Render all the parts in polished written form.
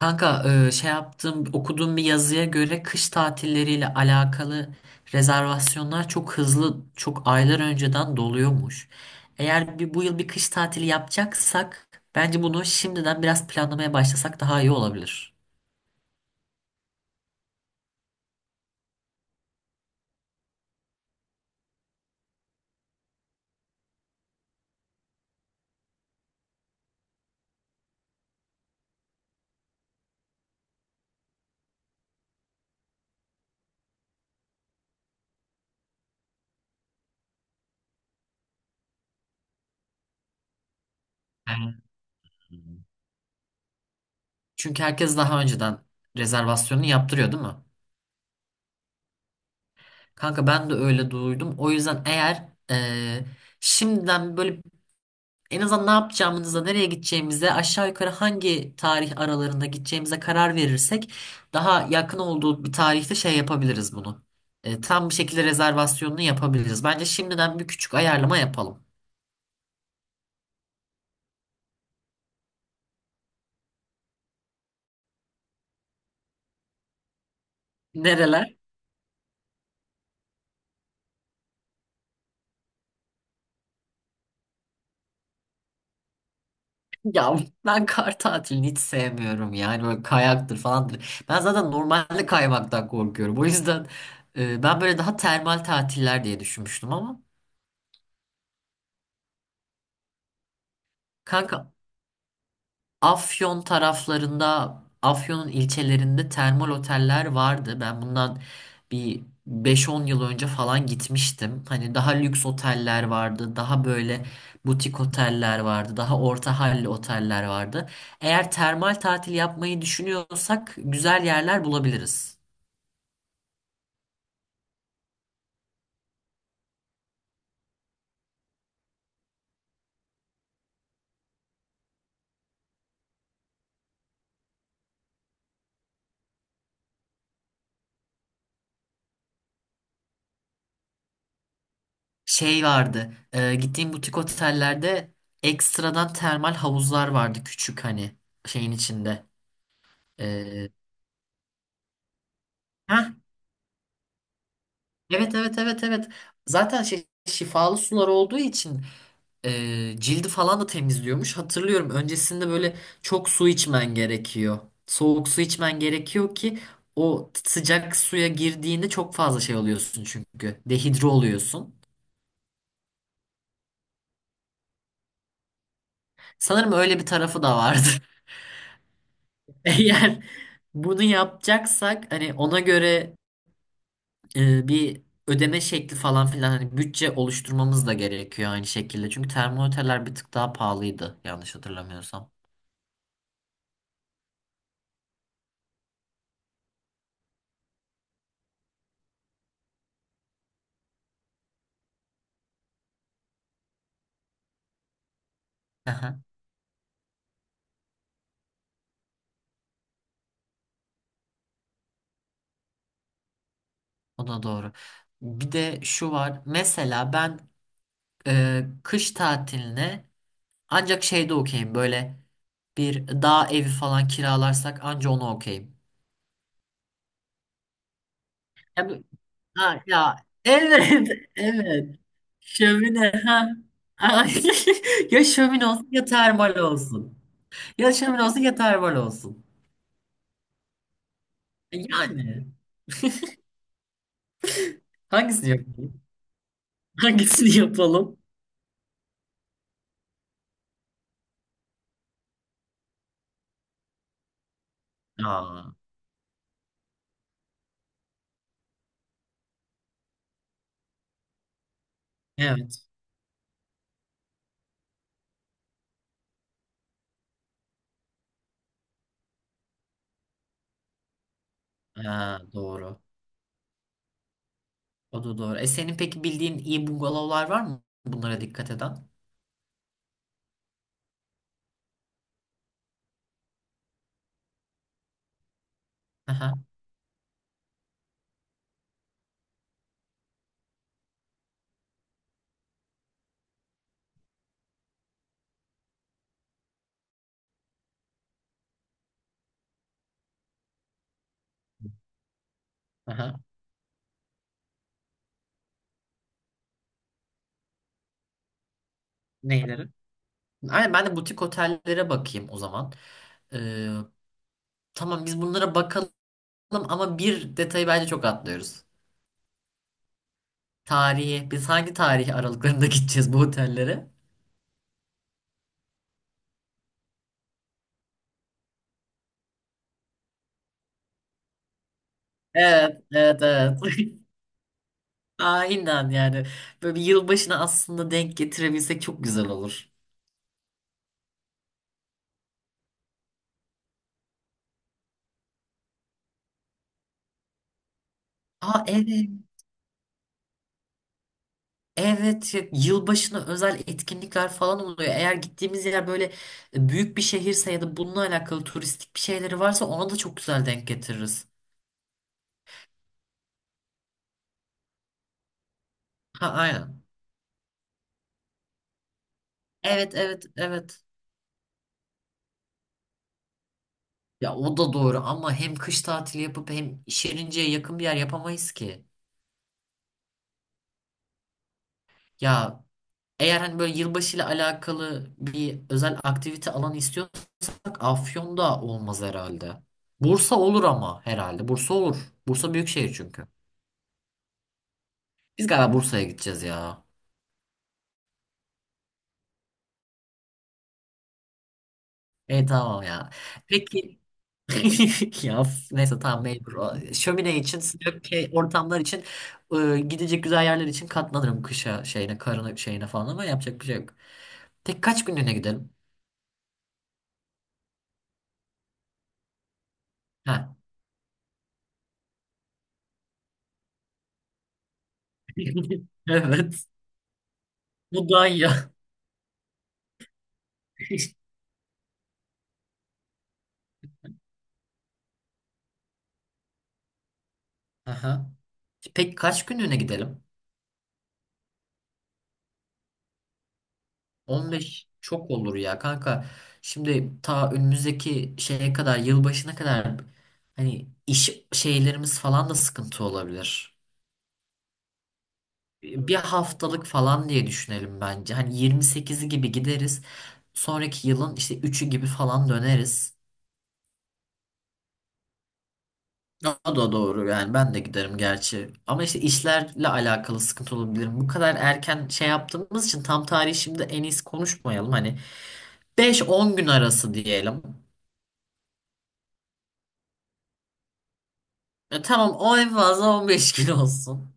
Kanka e, şey yaptım okuduğum bir yazıya göre kış tatilleriyle alakalı rezervasyonlar çok hızlı, çok aylar önceden doluyormuş. Bu yıl bir kış tatili yapacaksak bence bunu şimdiden biraz planlamaya başlasak daha iyi olabilir. Hmm. Çünkü herkes daha önceden rezervasyonunu yaptırıyor, değil mi? Kanka ben de öyle duydum. O yüzden şimdiden böyle en azından ne yapacağımıza, nereye gideceğimize, aşağı yukarı hangi tarih aralarında gideceğimize karar verirsek daha yakın olduğu bir tarihte şey yapabiliriz bunu. Tam bir şekilde rezervasyonunu yapabiliriz. Bence şimdiden bir küçük ayarlama yapalım. Nereler? Ya, ben kar tatilini hiç sevmiyorum, yani böyle kayaktır falandır. Ben zaten normalde kaymaktan korkuyorum. O yüzden ben böyle daha termal tatiller diye düşünmüştüm ama kanka Afyon taraflarında, Afyon'un ilçelerinde termal oteller vardı. Ben bundan bir beş-on yıl önce falan gitmiştim. Hani daha lüks oteller vardı, daha böyle butik oteller vardı, daha orta halli oteller vardı. Eğer termal tatil yapmayı düşünüyorsak güzel yerler bulabiliriz. Şey vardı, gittiğim butik otellerde ekstradan termal havuzlar vardı küçük, hani şeyin içinde. E, Heh, evet, evet, evet, evet. Zaten şey, şifalı sular olduğu için e, cildi falan da temizliyormuş. Hatırlıyorum, öncesinde böyle çok su içmen gerekiyor. Soğuk su içmen gerekiyor ki o sıcak suya girdiğinde çok fazla şey oluyorsun çünkü. Dehidre oluyorsun. Sanırım öyle bir tarafı da vardı. Eğer bunu yapacaksak hani ona göre bir ödeme şekli falan filan, hani bütçe oluşturmamız da gerekiyor aynı şekilde. Çünkü termometreler bir tık daha pahalıydı yanlış hatırlamıyorsam. Aha, o da doğru. Bir de şu var. Mesela ben kış tatiline ancak şeyde okeyim, böyle bir dağ evi falan kiralarsak anca onu okeyim. Ya, bu- ha, ya evet, evet. Şömine, ha. Ay, ya şömine olsun ya termal olsun. Ya şömine olsun ya termal olsun. Yani hangisini yapalım? Hangisini yapalım? Aa, evet. Ha, doğru. O da doğru. E senin peki bildiğin iyi bungalovlar var mı bunlara dikkat eden? Aha, aha. Neyleri? Aynen, ben de butik otellere bakayım o zaman. Ee, tamam, biz bunlara bakalım ama bir detayı bence çok atlıyoruz. Tarihi. Biz hangi tarih aralıklarında gideceğiz bu otellere? Evet, evet, evet. Aynen yani. Böyle bir yılbaşına aslında denk getirebilsek çok güzel olur. Aa evet. Evet, yılbaşına özel etkinlikler falan oluyor. Eğer gittiğimiz yer böyle büyük bir şehirse ya da bununla alakalı turistik bir şeyleri varsa ona da çok güzel denk getiririz. Ha, aynen. Evet, evet, evet. Ya o da doğru ama hem kış tatili yapıp hem Şirince'ye yakın bir yer yapamayız ki. Ya, eğer hani böyle yılbaşıyla alakalı bir özel aktivite alanı istiyorsak Afyon'da olmaz herhalde. Bursa olur ama herhalde. Bursa olur. Bursa büyük şehir çünkü. Biz galiba Bursa'ya gideceğiz ya. E tamam ya. Peki, neyse tamam mecbur. Şömine için, sıcak ortamlar için, gidecek güzel yerler için katlanırım kışa şeyine, karına şeyine falan ama yapacak bir şey yok. Tek kaç günlüğüne gidelim? Ha. Evet. Bu daha iyi ya. Aha. Peki kaç günlüğüne gidelim? 15 çok olur ya kanka. Şimdi ta önümüzdeki şeye kadar, yılbaşına kadar, hani iş şeylerimiz falan da sıkıntı olabilir. Bir haftalık falan diye düşünelim bence. Hani 28'i gibi gideriz. Sonraki yılın işte üçü gibi falan döneriz. O da doğru yani, ben de giderim gerçi. Ama işte işlerle alakalı sıkıntı olabilir. Bu kadar erken şey yaptığımız için tam tarihi şimdi en iyisi konuşmayalım. Hani 5-10 gün arası diyelim. Ya tamam, o en fazla 15 gün olsun.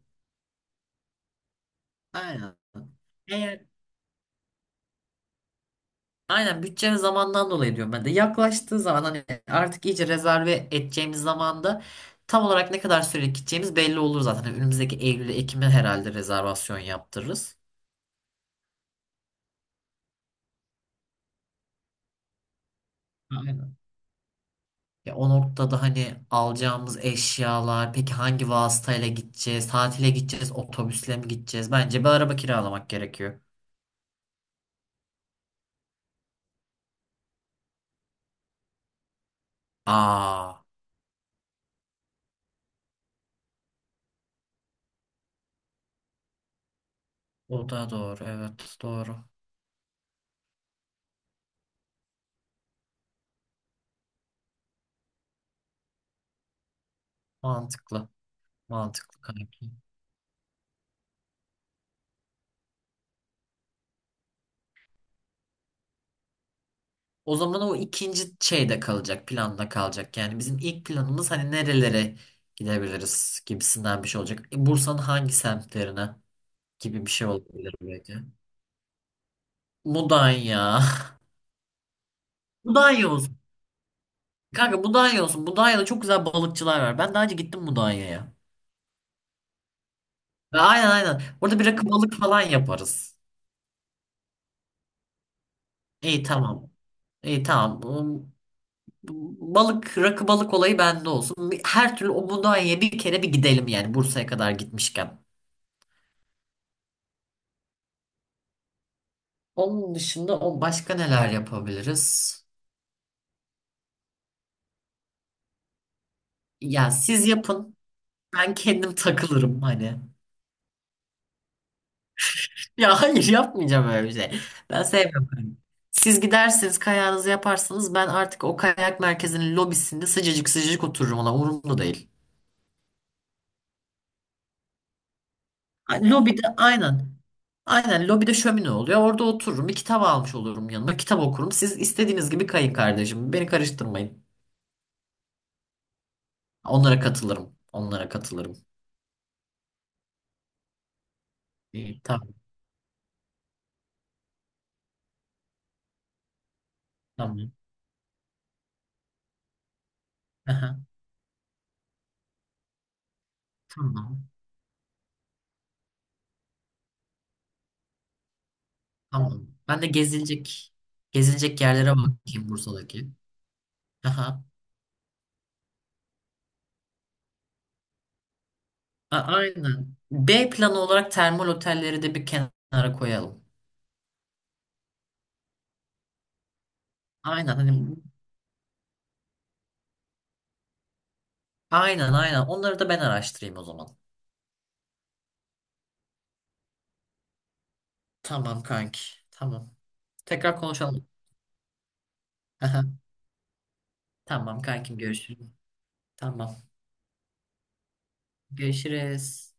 Aynen. Eğer aynen bütçe ve zamandan dolayı diyorum ben de. Yaklaştığı zaman hani artık iyice rezerve edeceğimiz zamanda tam olarak ne kadar süre gideceğimiz belli olur zaten. Hani önümüzdeki Eylül'e, Ekim'e herhalde rezervasyon yaptırırız. Aynen. Ya o noktada hani alacağımız eşyalar, peki hangi vasıtayla gideceğiz, tatile gideceğiz, otobüsle mi gideceğiz? Bence bir araba kiralamak gerekiyor. Aa, o da doğru, evet doğru. Mantıklı. Mantıklı kanki. O zaman o ikinci şeyde kalacak, planda kalacak. Yani bizim ilk planımız hani nerelere gidebiliriz gibisinden bir şey olacak. E, Bursa'nın hangi semtlerine gibi bir şey olabilir belki. Mudanya. Mudanya olsun. Kanka Mudanya olsun. Mudanya'da çok güzel balıkçılar var. Ben daha önce gittim Mudanya'ya. Aynen, aynen. Orada bir rakı balık falan yaparız. İyi tamam. İyi tamam. Balık, rakı balık olayı bende olsun. Her türlü o Mudanya'ya bir kere bir gidelim yani, Bursa'ya kadar gitmişken. Onun dışında o başka neler yapabiliriz? Ya siz yapın. Ben kendim takılırım hani. Ya hayır, yapmayacağım öyle bir şey. Ben sevmiyorum kayak. Siz gidersiniz, kayağınızı yaparsınız. Ben artık o kayak merkezinin lobisinde sıcacık sıcacık otururum ona. Umurumda değil. Lobide aynen. Aynen, lobide şömine oluyor. Orada otururum. Bir kitap almış olurum yanıma. Kitap okurum. Siz istediğiniz gibi kayın kardeşim. Beni karıştırmayın. Onlara katılırım. Onlara katılırım. İyi, tamam, tamam. Aha, tamam. Tamam. Ben de gezilecek gezilecek yerlere bakayım Bursa'daki. Aha. A- aynen. B planı olarak termal otelleri de bir kenara koyalım. Aynen hani, aynen, aynen. Onları da ben araştırayım o zaman. Tamam kanki. Tamam. Tekrar konuşalım. Tamam kankim, görüşürüz. Tamam. Görüşürüz.